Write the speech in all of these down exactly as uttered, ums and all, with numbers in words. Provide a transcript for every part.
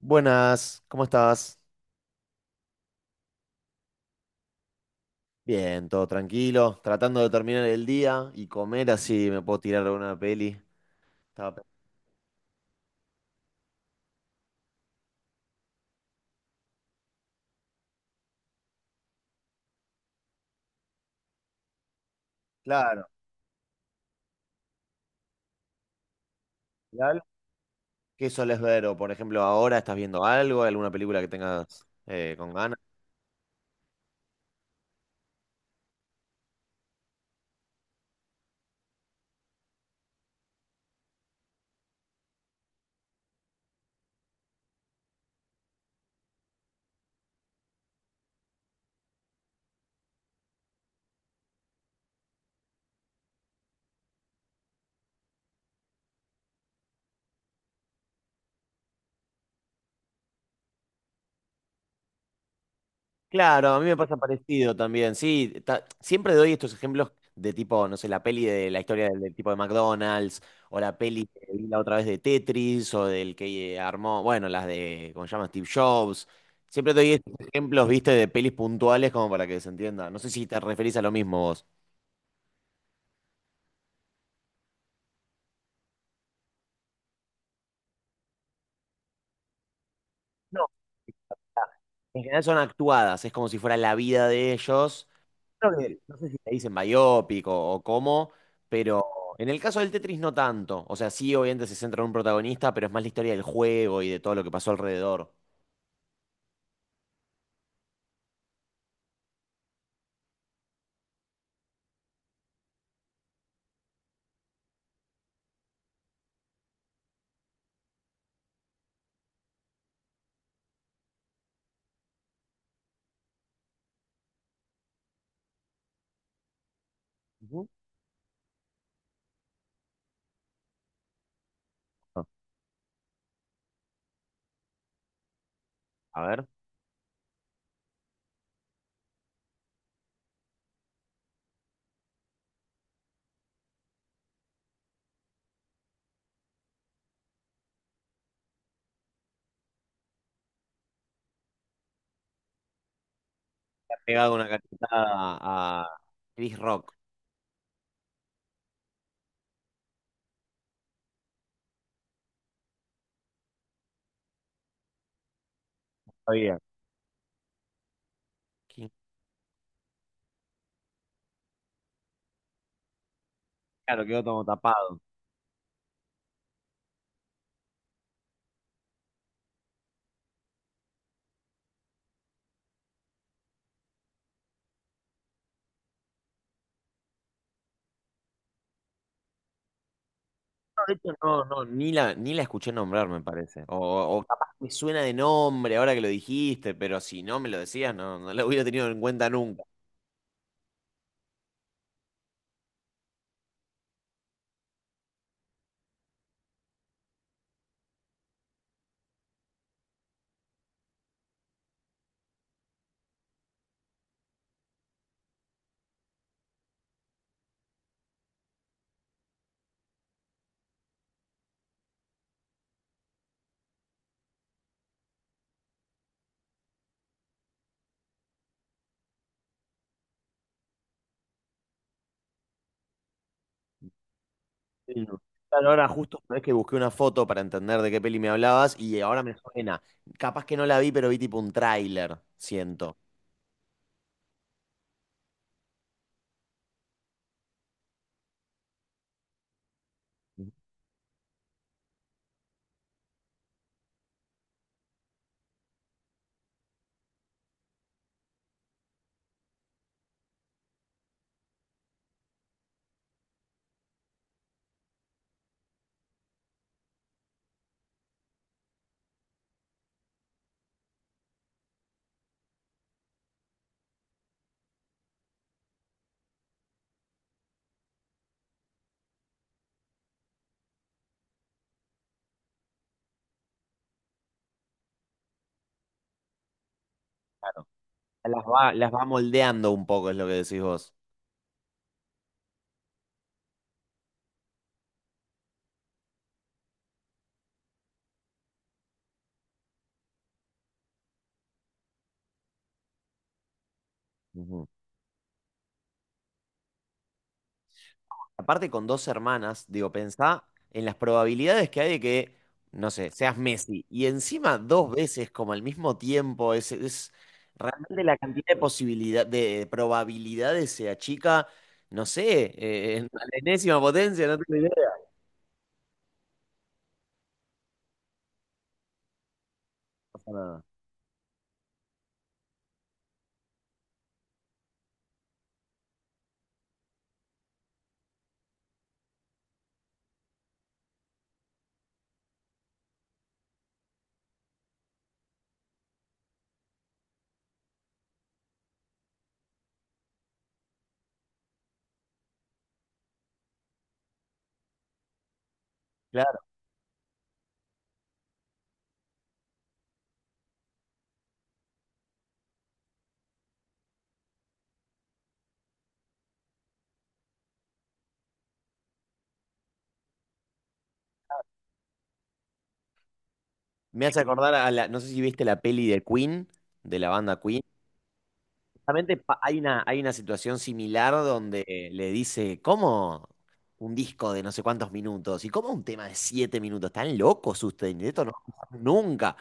Buenas, ¿cómo estás? Bien, todo tranquilo, tratando de terminar el día y comer así me puedo tirar alguna peli. Estaba pe- Claro, ¿y algo? ¿Qué solés ver? O por ejemplo, ahora estás viendo algo, alguna película que tengas eh, con ganas. Claro, a mí me pasa parecido también. Sí, ta- siempre doy estos ejemplos de tipo, no sé, la peli de la historia del, del tipo de McDonald's, o la peli que vi la otra vez de Tetris, o del que eh, armó, bueno, las de, ¿cómo se llama? Steve Jobs. Siempre doy estos ejemplos, viste, de pelis puntuales como para que se entienda. No sé si te referís a lo mismo vos. No, en general son actuadas, es como si fuera la vida de ellos. Creo que, no sé si le dicen biopic o, o cómo, pero en el caso del Tetris no tanto. O sea, sí, obviamente se centra en un protagonista, pero es más la historia del juego y de todo lo que pasó alrededor. Ujú. A ver, le ha pegado una cachetada a Chris Rock. Está bien. Que- Claro, quedó todo tapado. No, de hecho, no, no, ni la, ni la escuché nombrar, me parece. O, o capaz me suena de nombre ahora que lo dijiste, pero si no me lo decías, no, no lo hubiera tenido en cuenta nunca. Sí, no. Claro, ahora justo sabés que busqué una foto para entender de qué peli me hablabas y ahora me suena. Capaz que no la vi, pero vi tipo un tráiler, siento. Claro. Las va, las va moldeando un poco, es lo que decís vos. Ujú. Aparte con dos hermanas, digo, pensá en las probabilidades que hay de que, no sé, seas Messi. Y encima dos veces, como al mismo tiempo, es, es realmente la cantidad de posibilidad, de probabilidades se achica, no sé, eh, en- la enésima potencia, no tengo idea. Claro, me hace acordar a la, no sé si viste la peli de Queen, de la banda Queen. Justamente pa- hay una, hay una situación similar donde le dice, ¿cómo un disco de no sé cuántos minutos? ¿Y cómo un tema de siete minutos? ¿Están locos ustedes? Esto no va a pasar nunca.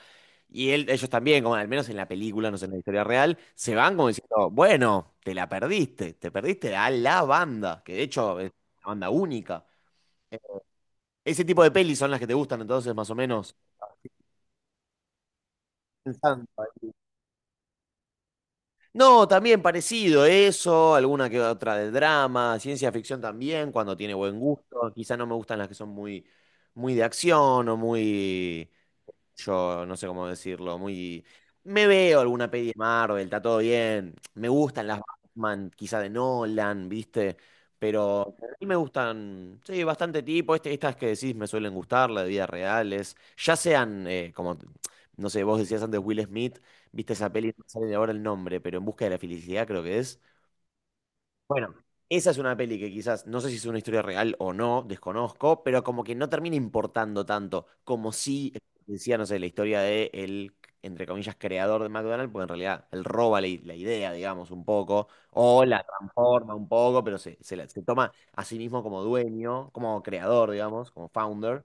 Y él, ellos también, como al menos en la película, no sé, en la historia real, se van como diciendo, bueno, te la perdiste, te perdiste a la banda, que de hecho es una banda única. Eh, Ese tipo de pelis son las que te gustan entonces, más o menos. Pensando. No, también parecido eso, alguna que otra de drama, ciencia ficción también, cuando tiene buen gusto. Quizá no me gustan las que son muy, muy de acción o muy, yo no sé cómo decirlo, muy... Me veo alguna peli de Marvel, está todo bien. Me gustan las Batman, quizá de Nolan, ¿viste? Pero a mí me gustan, sí, bastante tipo. Este, estas que decís me suelen gustar, las de vidas reales. Ya sean, eh, como, no sé, vos decías antes Will Smith, ¿viste esa peli? No me sale ahora el nombre, pero En busca de la felicidad creo que es. Bueno, esa es una peli que quizás, no sé si es una historia real o no, desconozco, pero como que no termina importando tanto, como si decía, no sé, la historia de el, entre comillas, creador de McDonald's, porque en realidad él roba la, i- la idea, digamos, un poco, o la transforma un poco, pero se, se, la- se toma a sí mismo como dueño, como creador, digamos, como founder.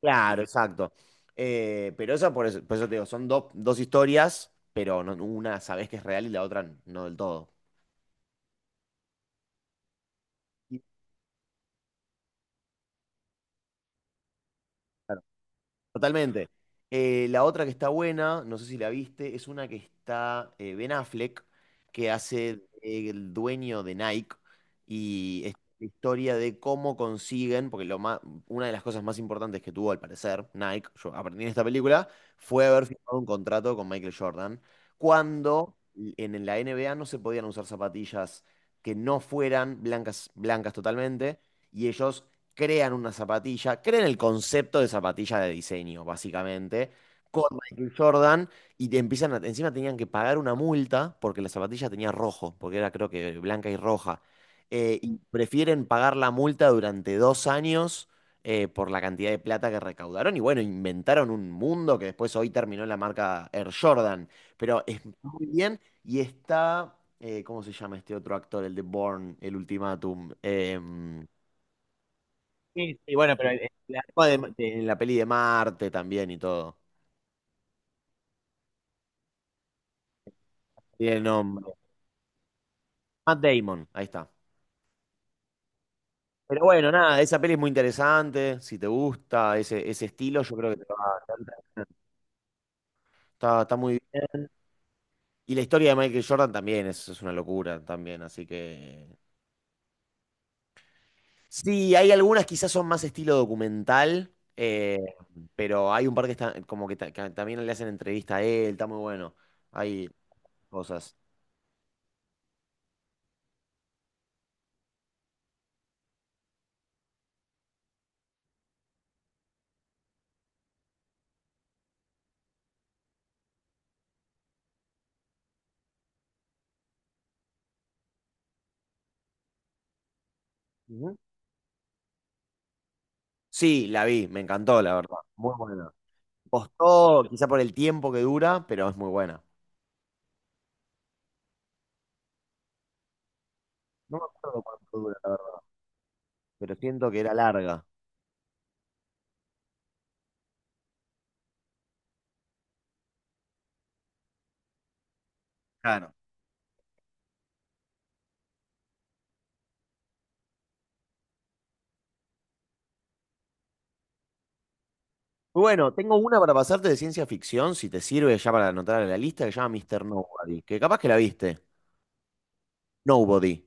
Claro, exacto. Eh, pero eso por, eso, por eso te digo, son dos dos historias, pero no- una sabés que es real y la otra no del todo. Totalmente. Eh, la otra que está buena, no sé si la viste, es una que está eh, Ben Affleck, que hace el dueño de Nike y es la historia de cómo consiguen, porque lo ma- una de las cosas más importantes que tuvo al parecer Nike, yo aprendí en esta película, fue haber firmado un contrato con Michael Jordan, cuando en la N B A no se podían usar zapatillas que no fueran blancas, blancas totalmente, y ellos crean una zapatilla, crean el concepto de zapatilla de diseño, básicamente, con Michael Jordan, y te empiezan a- encima tenían que pagar una multa porque la zapatilla tenía rojo, porque era creo que blanca y roja. Eh, y prefieren pagar la multa durante dos años eh, por la cantidad de plata que recaudaron. Y bueno, inventaron un mundo que después hoy terminó en la marca Air Jordan. Pero es muy bien. Y está, eh, ¿cómo se llama este otro actor? El de Bourne, el Ultimátum. Em, en la peli de Marte también y todo. Tiene el nombre. Matt Damon, ahí está. Pero bueno, nada, esa peli es muy interesante. Si te gusta ese, ese estilo, yo creo que te va a encantar. Está, está muy bien. Y la historia de Michael Jordan también es, es una locura también, así que... Sí, hay algunas quizás son más estilo documental, eh, pero hay un par que está como que, ta- que también le hacen entrevista a él, está muy bueno. Hay cosas. Ujú. Sí, la vi, me encantó, la verdad. Muy buena. Costó, quizá por el tiempo que dura, pero es muy buena. No me acuerdo cuánto dura, la verdad, pero siento que era larga. Claro. Muy Bueno, tengo una para pasarte de ciencia ficción, si te sirve ya para anotar a la lista, que se llama mister Nobody, que capaz que la viste. Nobody.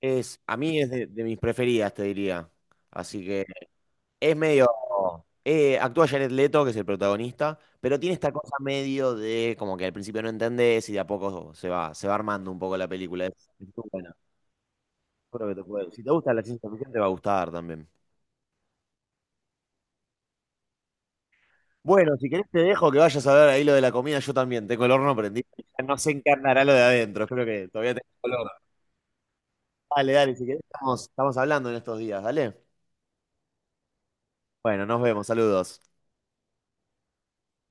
Es, a mí es de, de mis preferidas, te diría. Así que es medio... eh, actúa Jared Leto, que es el protagonista, pero tiene esta cosa medio de como que al principio no entendés y de a poco se va, se va armando un poco la película. Es- es muy buena. Creo que te puede- Si te gusta la ciencia ficción, te va a gustar también. Bueno, si querés te dejo que vayas a ver ahí lo de la comida, yo también. Tengo el horno prendido. Ya no se encarnará lo de adentro. Espero que todavía tenga color. Dale, dale, si querés estamos, estamos hablando en estos días, dale. Bueno, nos vemos, saludos.